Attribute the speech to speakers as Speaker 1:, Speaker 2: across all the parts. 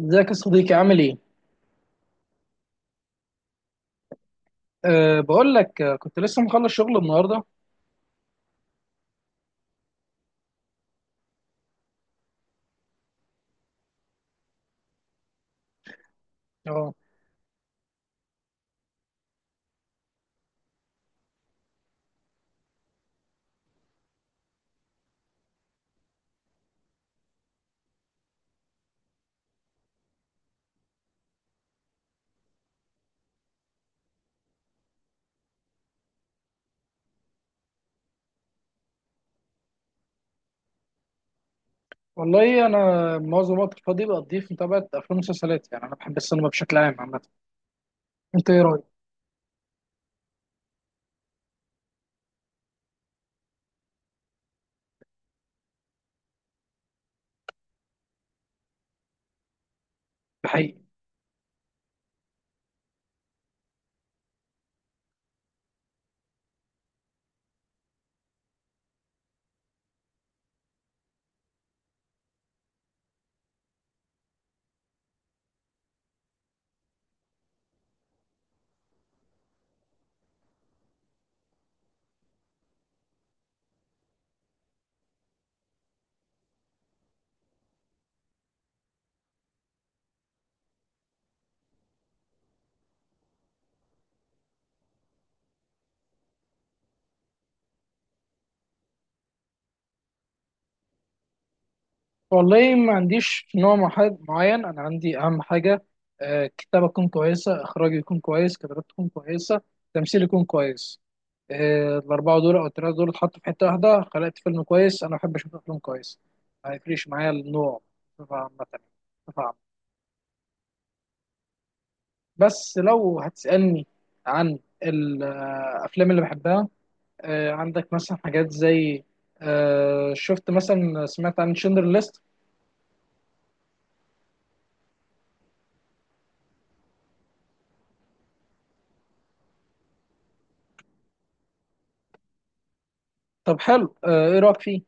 Speaker 1: ازيك يا صديقي؟ عامل ايه؟ بقول لك، كنت لسه مخلص شغل النهارده. اه والله انا معظم وقت الفاضي بقضيه في متابعه افلام ومسلسلات، يعني انا بحب السينما بشكل عام عامه. انت ايه رايك؟ حقيقي. والله ما عنديش نوع معين، انا عندي اهم حاجه. أه، كتابه تكون كويسه، اخراج يكون كويس، كتابات تكون كويسه، تمثيل يكون كويس. أه الاربعه دول او الثلاثه دول اتحطوا في حته واحده خلقت فيلم كويس. انا بحب اشوف افلام كويس، ما يفرقش معايا النوع بصفه عامه. بس لو هتسألني عن الأفلام اللي بحبها، عندك مثلا حاجات زي، آه، شفت مثلا سمعت عن شندر ليست. طب حلو، إيه رأيك فيه؟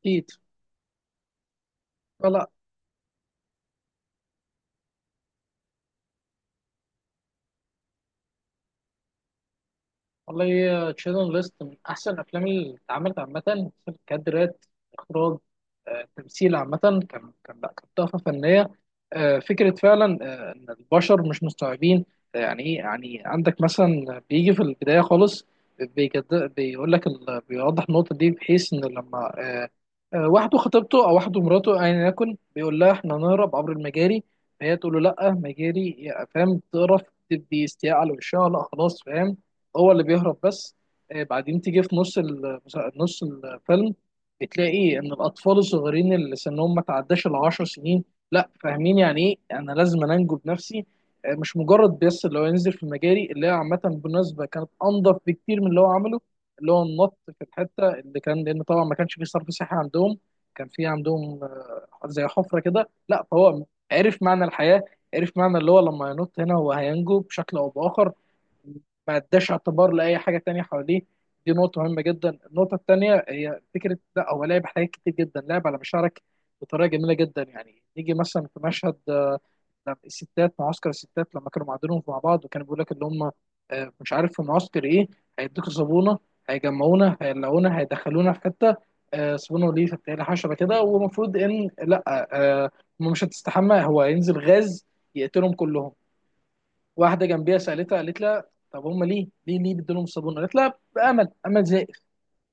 Speaker 1: أكيد. فلا، والله تشيلدرن ليست من احسن الافلام اللي اتعملت عامه. كادرات، اخراج، تمثيل، عامه كان كان لا كانت تحفه فنيه. فكره فعلا، ان البشر مش مستوعبين، يعني ايه. يعني عندك مثلا بيجي في البدايه خالص، بيجد بيقول لك، بيوضح النقطه دي، بحيث ان لما واحده خطيبته او واحده مراته ايا يكن، بيقول لها احنا هنهرب عبر المجاري، فهي تقول له لا مجاري فاهم، تقرف، تدي استياء على وشها، لا خلاص فاهم، هو اللي بيهرب بس. بعدين تيجي في نص الفيلم، بتلاقي ان الاطفال الصغيرين اللي سنهم ما تعداش ال 10 سنين، لا، فاهمين يعني ايه، انا لازم انجو بنفسي. مش مجرد بس اللي هو ينزل في مجاري، اللي هي عامه بالمناسبه كانت انضف بكتير من اللي هو عمله، اللي هو النط في الحته اللي كان، لان طبعا ما كانش فيه صرف صحي عندهم، كان في عندهم زي حفره كده، لا فهو عرف معنى الحياه، عرف معنى اللي هو لما ينط هنا هو هينجو بشكل او باخر، ما اداش اعتبار لاي حاجه تانية حواليه. دي نقطه مهمه جدا. النقطه التانية هي فكره، لا هو لعب حاجات كتير جدا، لعب على مشاعرك بطريقه جميله جدا. يعني نيجي مثلا في مشهد، لما الستات، معسكر الستات لما كانوا معدنهم مع بعض، وكانوا بيقول لك اللي هم، مش عارف في معسكر ايه، هيدوكوا صابونه، هيجمعونا هيقلعونا هيدخلونا في حته، صابونه وليه بتاعي حشره كده، ومفروض ان لا، آه، هم مش هتستحمى، هو هينزل غاز يقتلهم كلهم. واحده جنبيها سالتها، قالت لها طب هم ليه بيدوا لهم الصابون؟ قالت لها بامل، امل زائف،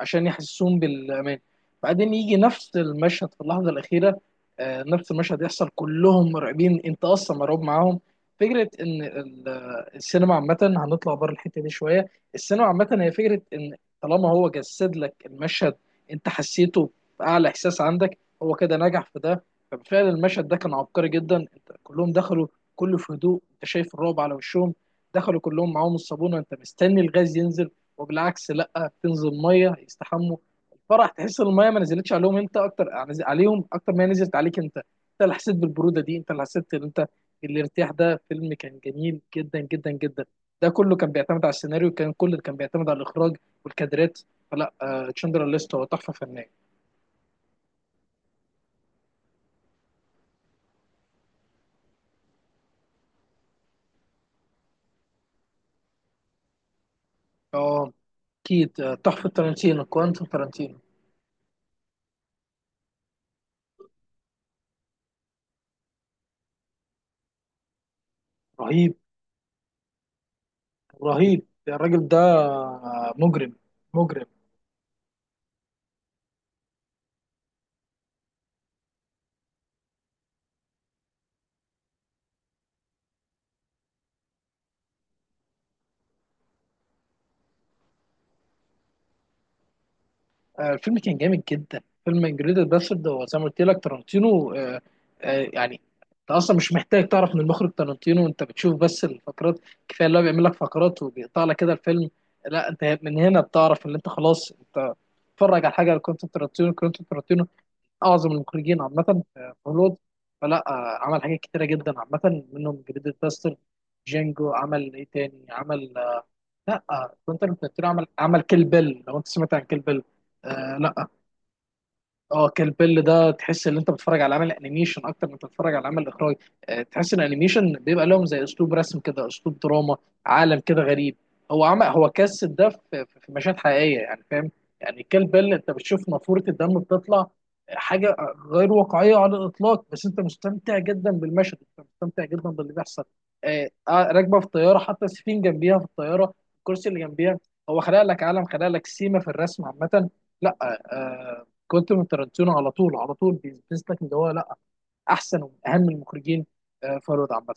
Speaker 1: عشان يحسسون بالامان. بعدين يجي نفس المشهد في اللحظه الاخيره، نفس المشهد يحصل، كلهم مرعبين، انت اصلا مرعوب معاهم. فكره ان السينما عامه، هنطلع بره الحته دي شويه، السينما عامه هي فكره ان طالما هو جسد لك المشهد، انت حسيته باعلى احساس عندك، هو كده نجح في ده. فبالفعل المشهد ده كان عبقري جدا، انت كلهم دخلوا كله في هدوء، انت شايف الرعب على وشهم، دخلوا كلهم معاهم الصابونه، انت مستني الغاز ينزل، وبالعكس لا، بتنزل ميه يستحموا. الفرح، تحس ان الميه ما نزلتش عليهم، انت اكتر عليهم، اكتر ما هي نزلت عليك، انت اللي حسيت بالبروده دي، انت اللي حسيت ان انت الارتياح ده. فيلم كان جميل جدا جدا جدا، ده كله كان بيعتمد على السيناريو، كله كان بيعتمد على الاخراج والكادرات. فلا، آه، تشندر ليست هو تحفه فنيه. اه، اكيد، تحفه تارانتينو، تارانتينو. رهيب. رهيب الراجل ده، مجرم، مجرم. الفيلم كان جامد جدا، فيلم انجريدد باسرد، هو زي ما قلت لك تارانتينو، آه، يعني انت اصلا مش محتاج تعرف من المخرج تارانتينو، انت بتشوف بس الفقرات، كفايه اللي هو بيعمل لك فقرات وبيقطع لك كده الفيلم، لا انت من هنا بتعرف ان انت خلاص، انت بتتفرج على حاجه لكوينتين تارانتينو. كوينتين تارانتينو اعظم المخرجين عامه في هوليوود. فلا، عمل حاجات كتيره جدا عامه منهم انجريدد باسرد، جانجو، عمل ايه تاني، عمل آه، لا آه، كوينتين تارانتينو عمل كيل بيل، لو انت سمعت عن كيل بيل. آه لا. اه، كيل بيل ده تحس ان انت بتتفرج على عمل انيميشن اكتر من بتتفرج على عمل اخراج. تحس ان الانيميشن بيبقى لهم زي اسلوب رسم كده، اسلوب دراما، عالم كده غريب. هو جسد ده في مشاهد حقيقيه، يعني فاهم. يعني كيل بيل انت بتشوف نافوره الدم بتطلع، حاجه غير واقعيه على الاطلاق، بس انت مستمتع جدا بالمشهد، انت مستمتع جدا باللي بيحصل. راكبه في الطياره، حتى السفين جنبيها في الطياره، الكرسي اللي جنبيها، هو خلق لك عالم، خلق لك سيما في الرسم عامه. لا آه، آه، كنت من تارانتينو على طول، على طول بيثبت لك ان هو لا، احسن ومن اهم المخرجين، فرد عامه.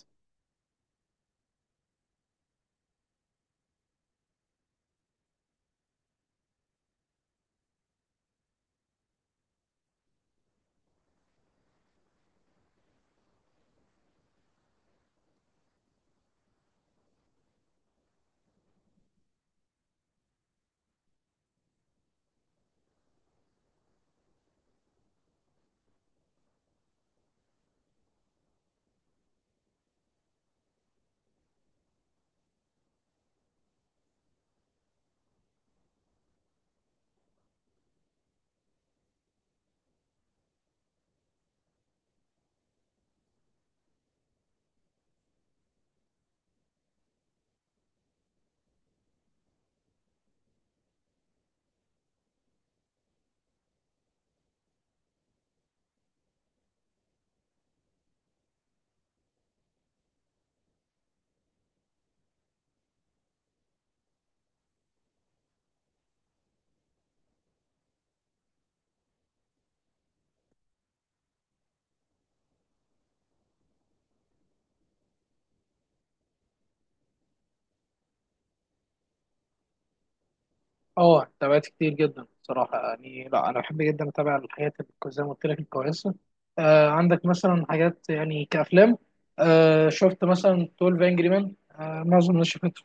Speaker 1: اه، تابعت كتير جدا بصراحه، يعني لا، انا بحب جدا اتابع الحاجات، زي ما قلت لك الكويسه. آه، عندك مثلا حاجات يعني كافلام. آه، شفت مثلا 12 انجري مان؟ آه معظم الناس شافته.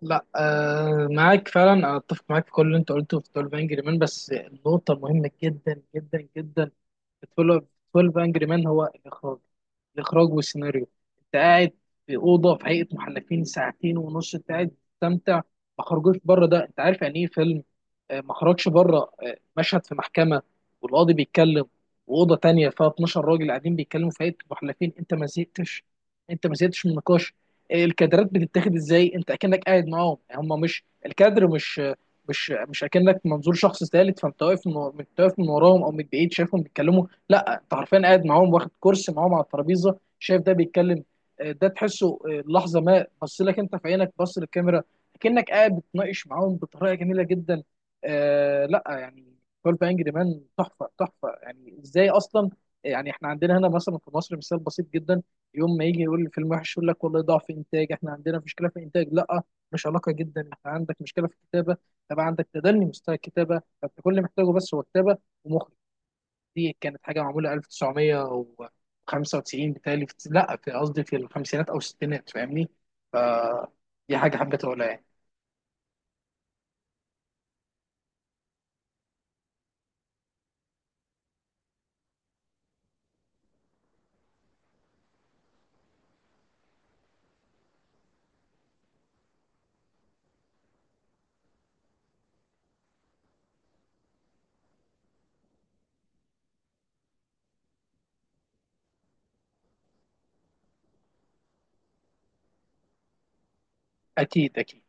Speaker 1: لا آه، معاك فعلا، أنا اتفق معاك في كل اللي انت قلته في 12 انجري مان، بس النقطه مهمه جدا جدا جدا. 12 12 انجري مان هو الاخراج، الاخراج والسيناريو. انت قاعد في اوضه، في هيئه محلفين، ساعتين ونص انت قاعد تستمتع، ما خرجوش بره. ده انت عارف يعني ايه فيلم؟ ما خرجش بره، مشهد في محكمه والقاضي بيتكلم، واوضه تانية فيها 12 راجل قاعدين بيتكلموا في هيئه محلفين، انت ما زهقتش من النقاش. الكادرات بتتاخد ازاي، انت اكنك قاعد معاهم، هم مش الكادر مش آه، مش مش اكنك منظور شخص ثالث، فانت واقف من وراهم او من بعيد شايفهم بيتكلموا. لا انت حرفيا قاعد معاهم، واخد كرسي معاهم على الترابيزه، شايف ده بيتكلم، ده تحسه لحظه ما بص لك انت في عينك، بص للكاميرا كأنك قاعد بتناقش معاهم بطريقه جميله جدا. لا يعني، 12 انجري مان تحفه، تحفه، يعني ازاي اصلا؟ يعني احنا عندنا هنا مثلا في مصر مثال بسيط جدا، يوم ما يجي يقول الفيلم وحش، يقول لك والله ضعف انتاج، احنا عندنا مشكله في الانتاج، لا، مش علاقه جدا، انت عندك مشكله في الكتابه. طب عندك تدني مستوى الكتابه، فانت كل اللي محتاجه بس هو كتابه ومخرج. دي كانت حاجه معموله 1995، بتهيألي في... لا في، قصدي في الخمسينات او الستينات، فاهمني؟ فدي حاجه حبيت اقولها يعني. اكيد، اكيد.